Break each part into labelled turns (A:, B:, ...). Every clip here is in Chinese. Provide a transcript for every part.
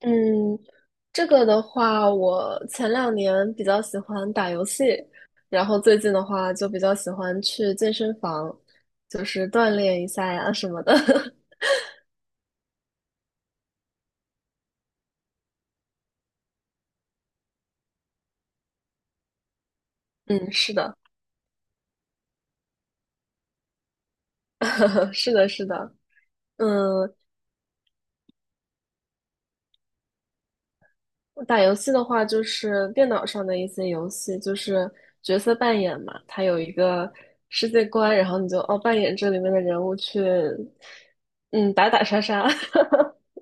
A: 嗯，这个的话，我前两年比较喜欢打游戏，然后最近的话就比较喜欢去健身房，就是锻炼一下呀什么的。嗯，是的。是的，是的。嗯，我打游戏的话，就是电脑上的一些游戏，就是角色扮演嘛，它有一个世界观，然后你就扮演这里面的人物去，嗯，打打杀杀。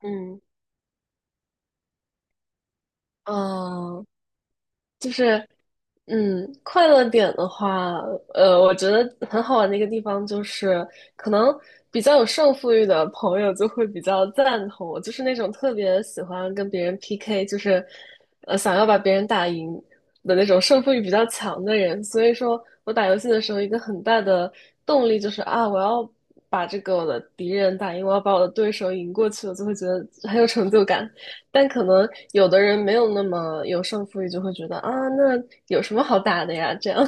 A: 嗯。嗯。就是。嗯，快乐点的话，我觉得很好玩的一个地方就是，可能比较有胜负欲的朋友就会比较赞同我，就是那种特别喜欢跟别人 PK，就是，想要把别人打赢的那种胜负欲比较强的人。所以说我打游戏的时候，一个很大的动力就是啊，我要把这个我的敌人打赢，我要把我的对手赢过去，我就会觉得很有成就感。但可能有的人没有那么有胜负欲，就会觉得啊，那有什么好打的呀？这样。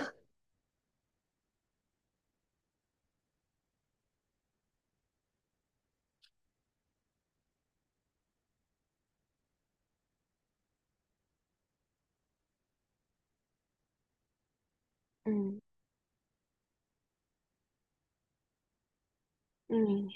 A: 嗯嗯。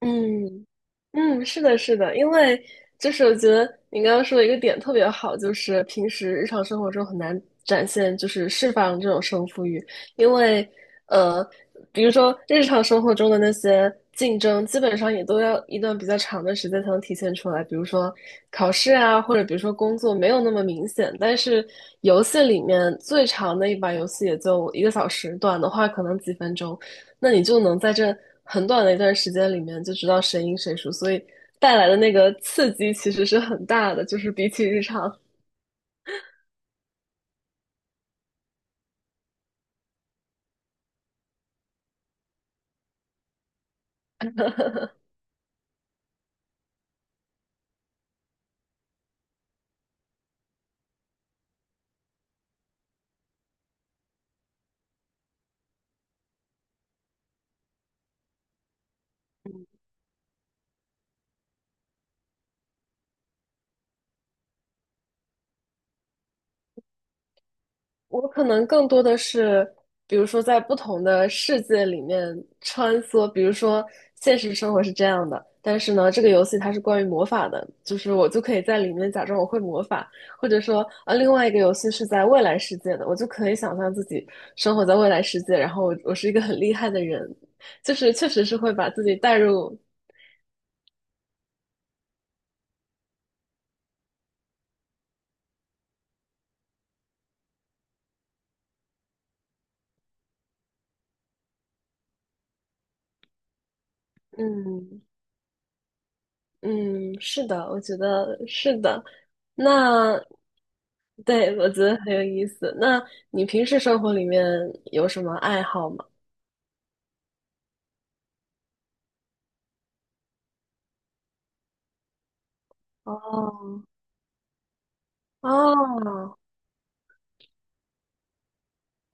A: 嗯嗯，是的，是的，因为就是我觉得你刚刚说的一个点特别好，就是平时日常生活中很难展现，就是释放这种胜负欲，因为呃，比如说日常生活中的那些竞争，基本上也都要一段比较长的时间才能体现出来，比如说考试啊，或者比如说工作没有那么明显，但是游戏里面最长的一把游戏也就一个小时，短的话可能几分钟。那你就能在这很短的一段时间里面就知道谁赢谁输，所以带来的那个刺激其实是很大的。就是比起日常，我可能更多的是，比如说在不同的世界里面穿梭，比如说现实生活是这样的，但是呢，这个游戏它是关于魔法的，就是我就可以在里面假装我会魔法，或者说啊，另外一个游戏是在未来世界的，我就可以想象自己生活在未来世界，然后我是一个很厉害的人。就是确实是会把自己带入。嗯嗯。是的，我觉得是的。那对，我觉得很有意思。那你平时生活里面有什么爱好吗？哦哦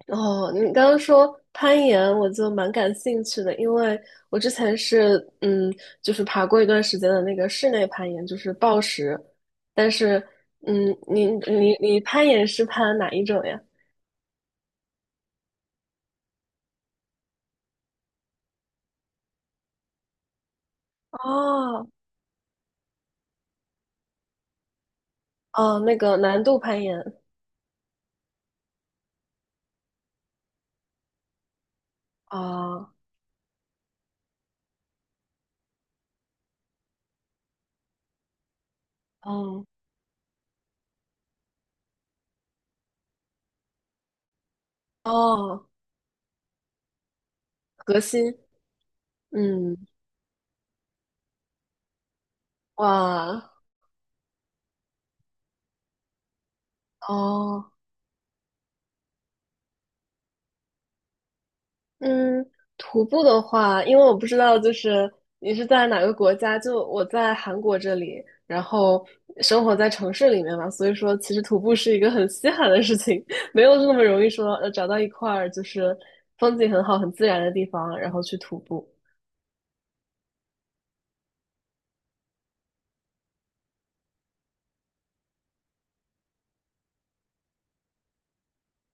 A: 哦。你刚刚说攀岩，我就蛮感兴趣的，因为我之前是就是爬过一段时间的那个室内攀岩，就是抱石。但是嗯，你你攀岩是攀哪一种呀？哦哦，那个难度攀岩。哦哦哦。核心。嗯。哇。哦。嗯，徒步的话，因为我不知道，就是你是在哪个国家，就我在韩国这里，然后生活在城市里面嘛，所以说其实徒步是一个很稀罕的事情，没有那么容易说找到一块儿就是风景很好、很自然的地方，然后去徒步。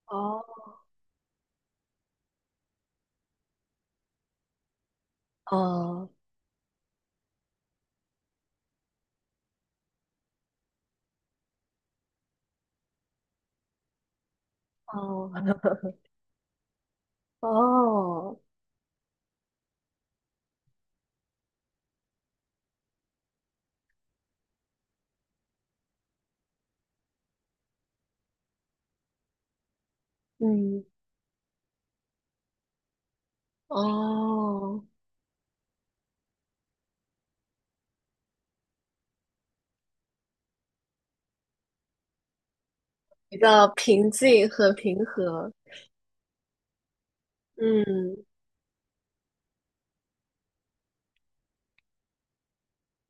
A: 哦。哦。哦。哦。嗯。哦。比较平静和平和。嗯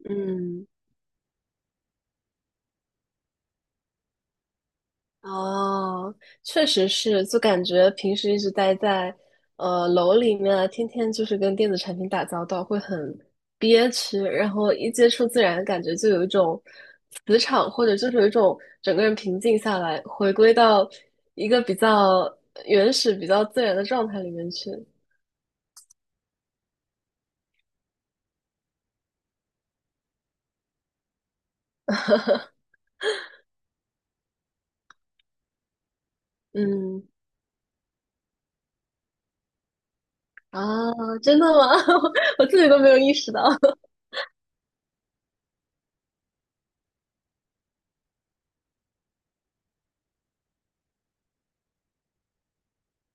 A: 嗯。哦，确实是，就感觉平时一直待在楼里面啊天天就是跟电子产品打交道，会很憋屈，然后一接触自然，感觉就有一种磁场，或者就是有一种整个人平静下来，回归到一个比较原始、比较自然的状态里面去。嗯。啊，真的吗？我自己都没有意识到。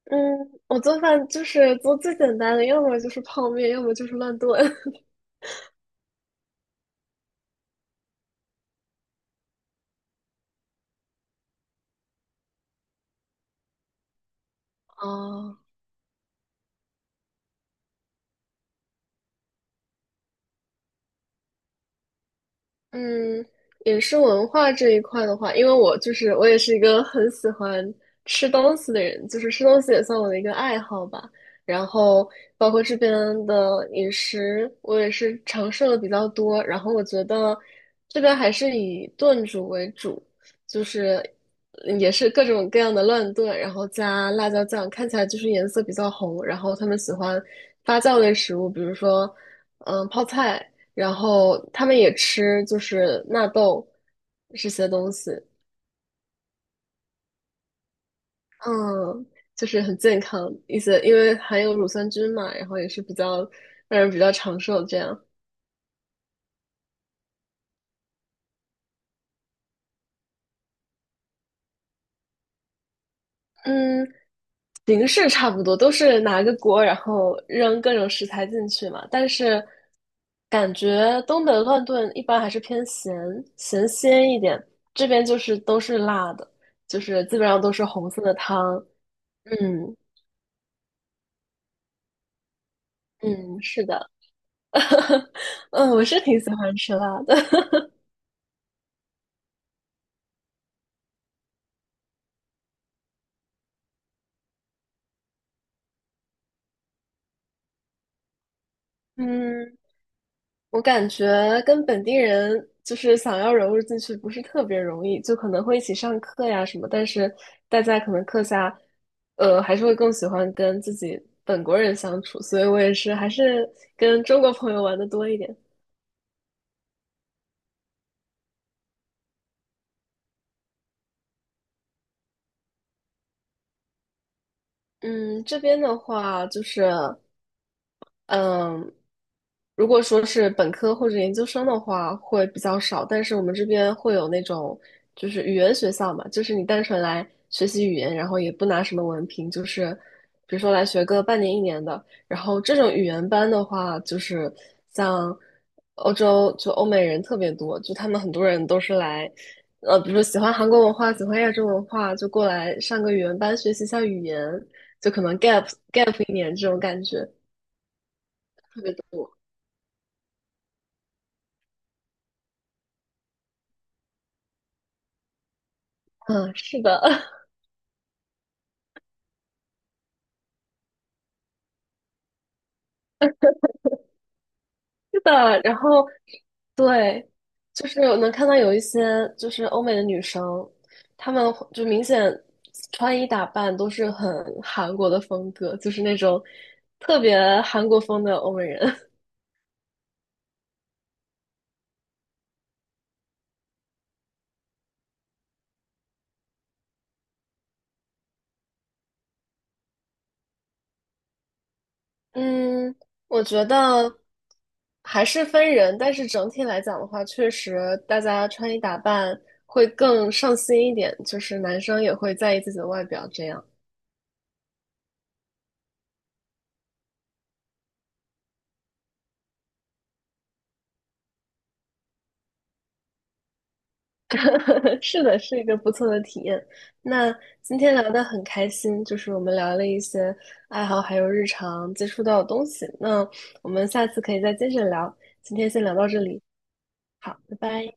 A: 嗯，我做饭就是做最简单的，要么就是泡面，要么就是乱炖。哦。嗯，饮食文化这一块的话，因为我就是我也是一个很喜欢吃东西的人，就是吃东西也算我的一个爱好吧。然后包括这边的饮食，我也是尝试了比较多。然后我觉得这边还是以炖煮为主，就是也是各种各样的乱炖，然后加辣椒酱，看起来就是颜色比较红。然后他们喜欢发酵类食物，比如说泡菜。然后他们也吃就是纳豆这些东西，嗯，就是很健康一些，因为含有乳酸菌嘛，然后也是比较让人比较长寿这样。嗯，形式差不多，都是拿个锅，然后扔各种食材进去嘛。但是感觉东北乱炖一般还是偏咸，咸鲜一点，这边就是都是辣的，就是基本上都是红色的汤。嗯嗯，是的。嗯，我是挺喜欢吃辣的。嗯，我感觉跟本地人就是想要融入进去不是特别容易，就可能会一起上课呀什么，但是大家可能课下，还是会更喜欢跟自己本国人相处，所以我也是还是跟中国朋友玩的多一点。嗯，这边的话就是。嗯，如果说是本科或者研究生的话，会比较少，但是我们这边会有那种就是语言学校嘛，就是你单纯来学习语言，然后也不拿什么文凭，就是比如说来学个半年一年的。然后这种语言班的话，就是像欧洲就欧美人特别多，就他们很多人都是来，比如说喜欢韩国文化，喜欢亚洲文化，就过来上个语言班学习一下语言，就可能 gap 一年这种感觉特别多。嗯，是的，是的。然后，对，就是我能看到有一些就是欧美的女生，她们会就明显穿衣打扮都是很韩国的风格，就是那种特别韩国风的欧美人。嗯，我觉得还是分人，但是整体来讲的话，确实大家穿衣打扮会更上心一点，就是男生也会在意自己的外表这样。是的，是一个不错的体验。那今天聊得很开心，就是我们聊了一些爱好，还有日常接触到的东西。那我们下次可以再接着聊。今天先聊到这里，好，拜拜。